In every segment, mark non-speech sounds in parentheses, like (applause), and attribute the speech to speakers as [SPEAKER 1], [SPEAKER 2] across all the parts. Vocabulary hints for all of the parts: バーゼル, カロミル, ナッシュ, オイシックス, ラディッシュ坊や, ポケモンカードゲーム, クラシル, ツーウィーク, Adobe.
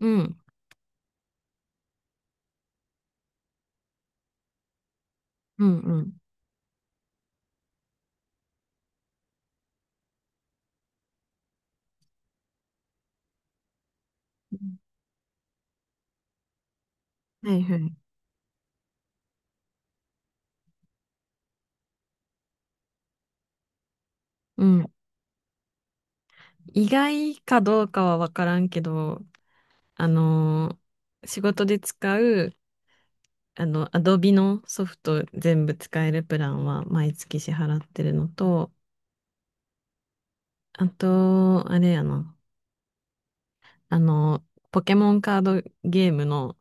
[SPEAKER 1] うん、うん、うん。はいはい。うん。意外かどうかはわからんけど、あのー仕事で使う、Adobe のソフト全部使えるプランは毎月支払ってるのと、あと、あれやな、あの、ポケモンカードゲームの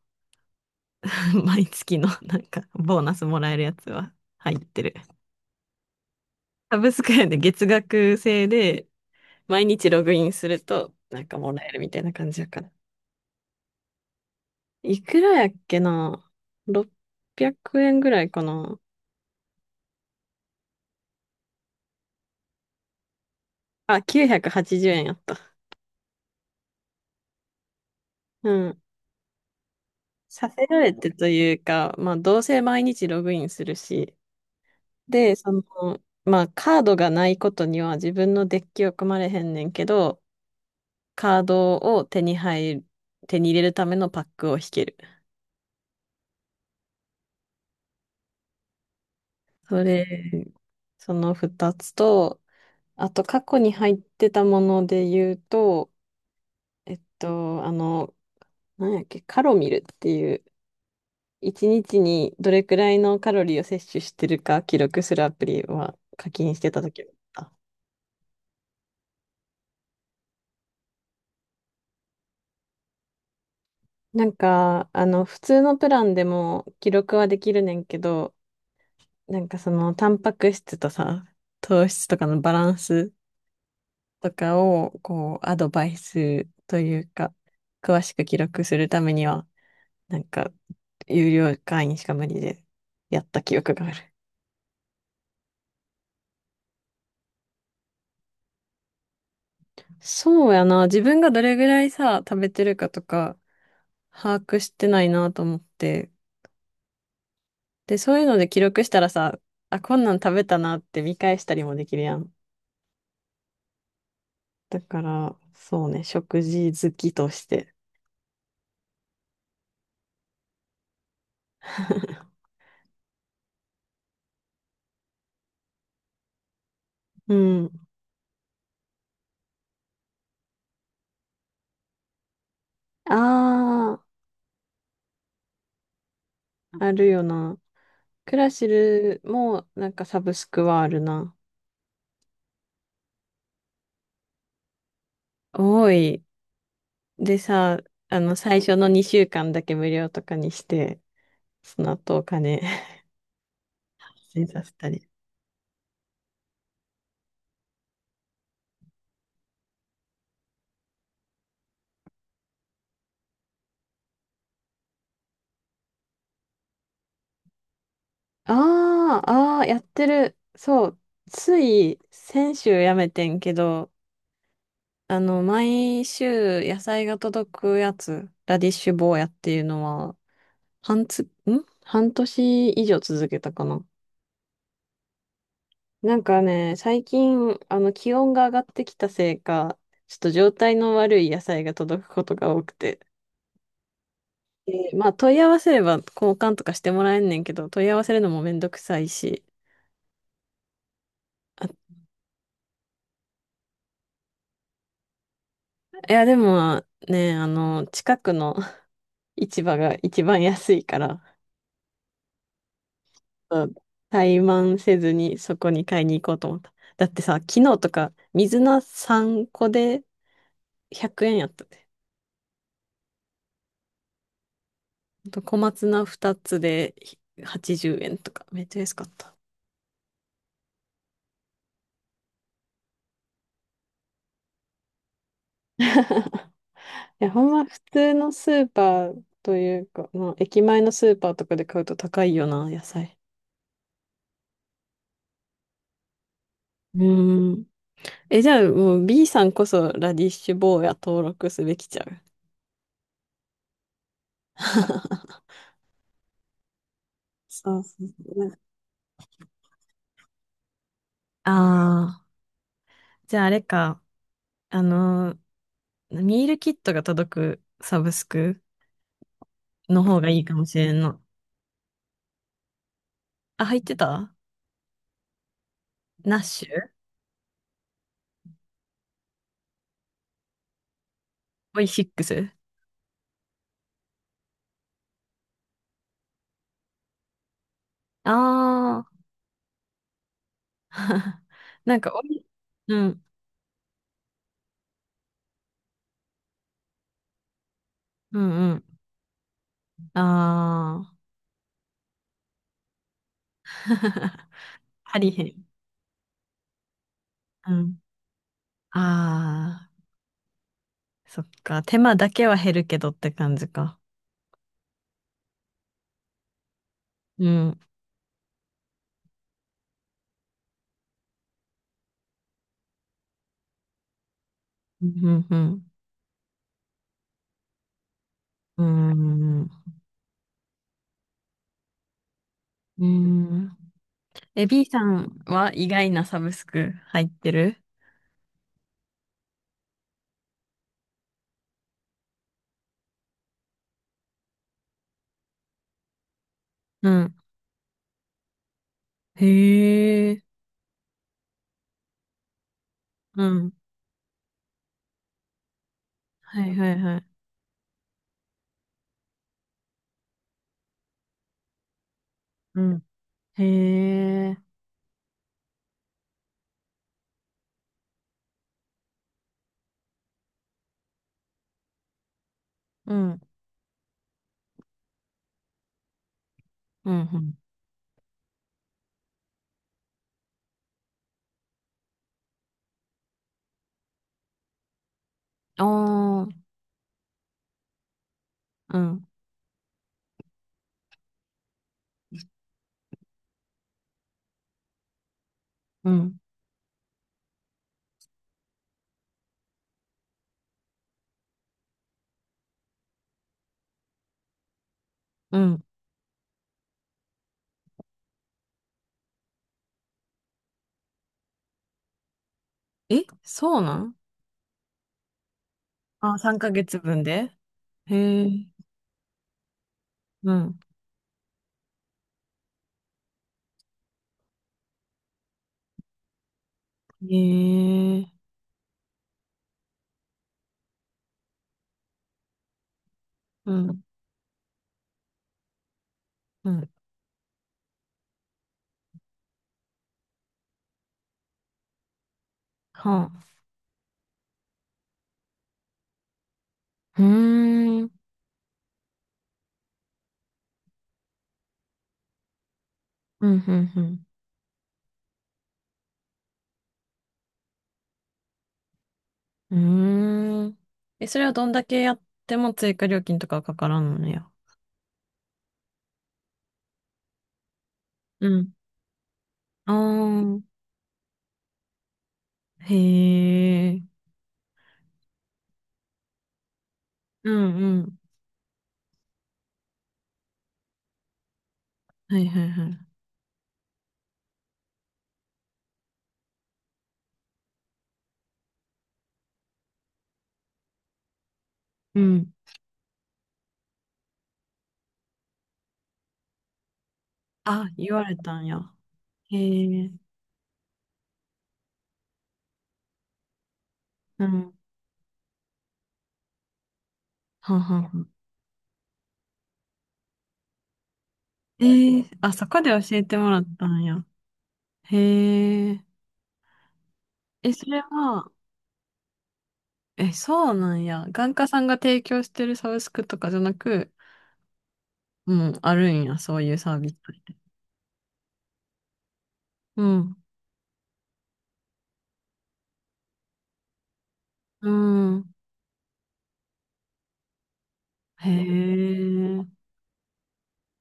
[SPEAKER 1] (laughs) 毎月のなんかボーナスもらえるやつは入ってる。サブスクやで、月額制で毎日ログインするとなんかもらえるみたいな感じやから。いくらやっけな？ 600 円ぐらいかなあ、980円やった。うん。させられてというか、まあ、どうせ毎日ログインするし。で、その、まあ、カードがないことには自分のデッキを組まれへんねんけど、カードを手に入る、手に入れるためのパックを引ける。それ、その2つと、あと過去に入ってたもので言うと、えっと、あの、なんやっけ、カロミルっていう、一日にどれくらいのカロリーを摂取してるか記録するアプリは課金してた時だった。なんか、普通のプランでも記録はできるねんけど、なんかその、タンパク質とさ、糖質とかのバランスとかを、こう、アドバイスというか、詳しく記録するためには、なんか、有料会員しか無理でやった記憶がある。そうやな。自分がどれぐらいさ、食べてるかとか、把握してないなと思って。で、そういうので記録したらさ、あ、こんなん食べたなって見返したりもできるやん。だから、そうね、食事好きとして。(laughs) うん。ああ、あるよな。クラシルもなんかサブスクはあるな。多い。でさ、最初の2週間だけ無料とかにして、その後お金 (laughs) 出させたり。ああ、ああ、やってる。そう。つい先週やめてんけど、毎週野菜が届くやつ、ラディッシュ坊やっていうのは、半つ、ん半年以上続けたかな。なんかね、最近、気温が上がってきたせいか、ちょっと状態の悪い野菜が届くことが多くて。でまあ、問い合わせれば交換とかしてもらえんねんけど、問い合わせるのもめんどくさいし。あ、いや、でもね、近くの市場が一番安いから、うん、怠慢せずにそこに買いに行こうと思った。だってさ、昨日とか水菜3個で100円やったで。あと小松菜2つで80円とか、めっちゃ安かった。(laughs) いや、ほんま普通のスーパーというか、まあ、駅前のスーパーとかで買うと高いよな、野菜。うーん。え、じゃあもう B さんこそラディッシュ坊や登録すべきちゃう？(laughs) そうそうそう。ああー。じゃああれか、あのミールキットが届くサブスクの方がいいかもしれんの。あ、入ってた。ナッシュ。オイシックス。ああー。(laughs) なんか、うん、うんうん。ああ。(laughs) ありへん。うん。ああ、そっか。手間だけは減るけどって感じか。うん。うん、うん、うん。うん。うん。え、B さんは意外なサブスク入ってる？うん。へえ、うん。はいはいはい。うん。へえ、うん。うん、うん。ああ、うん、うん、うん。え、そうなん？あ、3ヶ月分で？へえ、うん。へえ、うん、うん。はあ。うーん、うん、うん、うん。うーん。え、それはどんだけやっても追加料金とかはかからんのや？うん。ああ、へえ、うん、うん。はいはいはい。うん。あ、言われたんや。へえ、うん。はんはんはん。ええ、あ、そこで教えてもらったんや。へえ。え、それは、え、そうなんや？眼科さんが提供してるサブスクとかじゃなく、もうあるんや、そういうサービスって。うん。うん。へえ。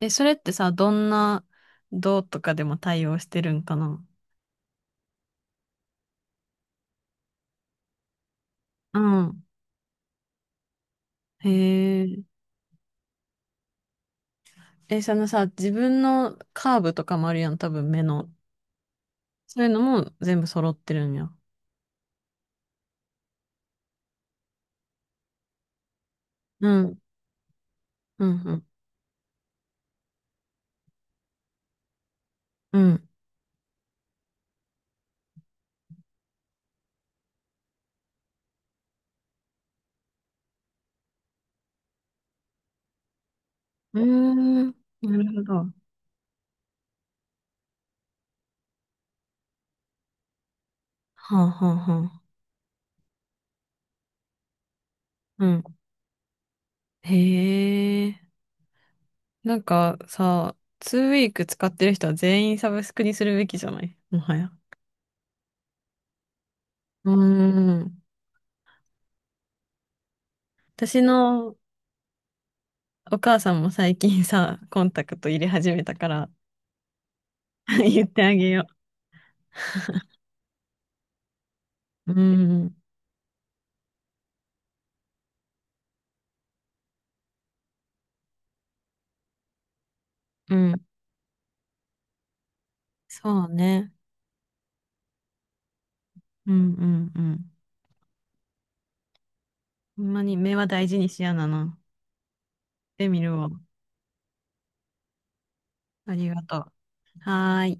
[SPEAKER 1] え、それってさ、どんな、どうとかでも対応してるんかな？うん。へえ。え、そのさ、自分のカーブとかもあるやん、多分目の。そういうのも全部揃ってるんや？うん、うん、うん、うん。うーん、なるほど。はあ、はあ、はあ。うん。へえ。なんかさ、ツーウィーク使ってる人は全員サブスクにするべきじゃない、もはや？うーん。私のお母さんも最近さ、コンタクト入れ始めたから、 (laughs) 言ってあげよう。うん、うん。そうね。うん、うん、うん。ほんまに目は大事にしやなな。で見るわ。ありがとう。はーい。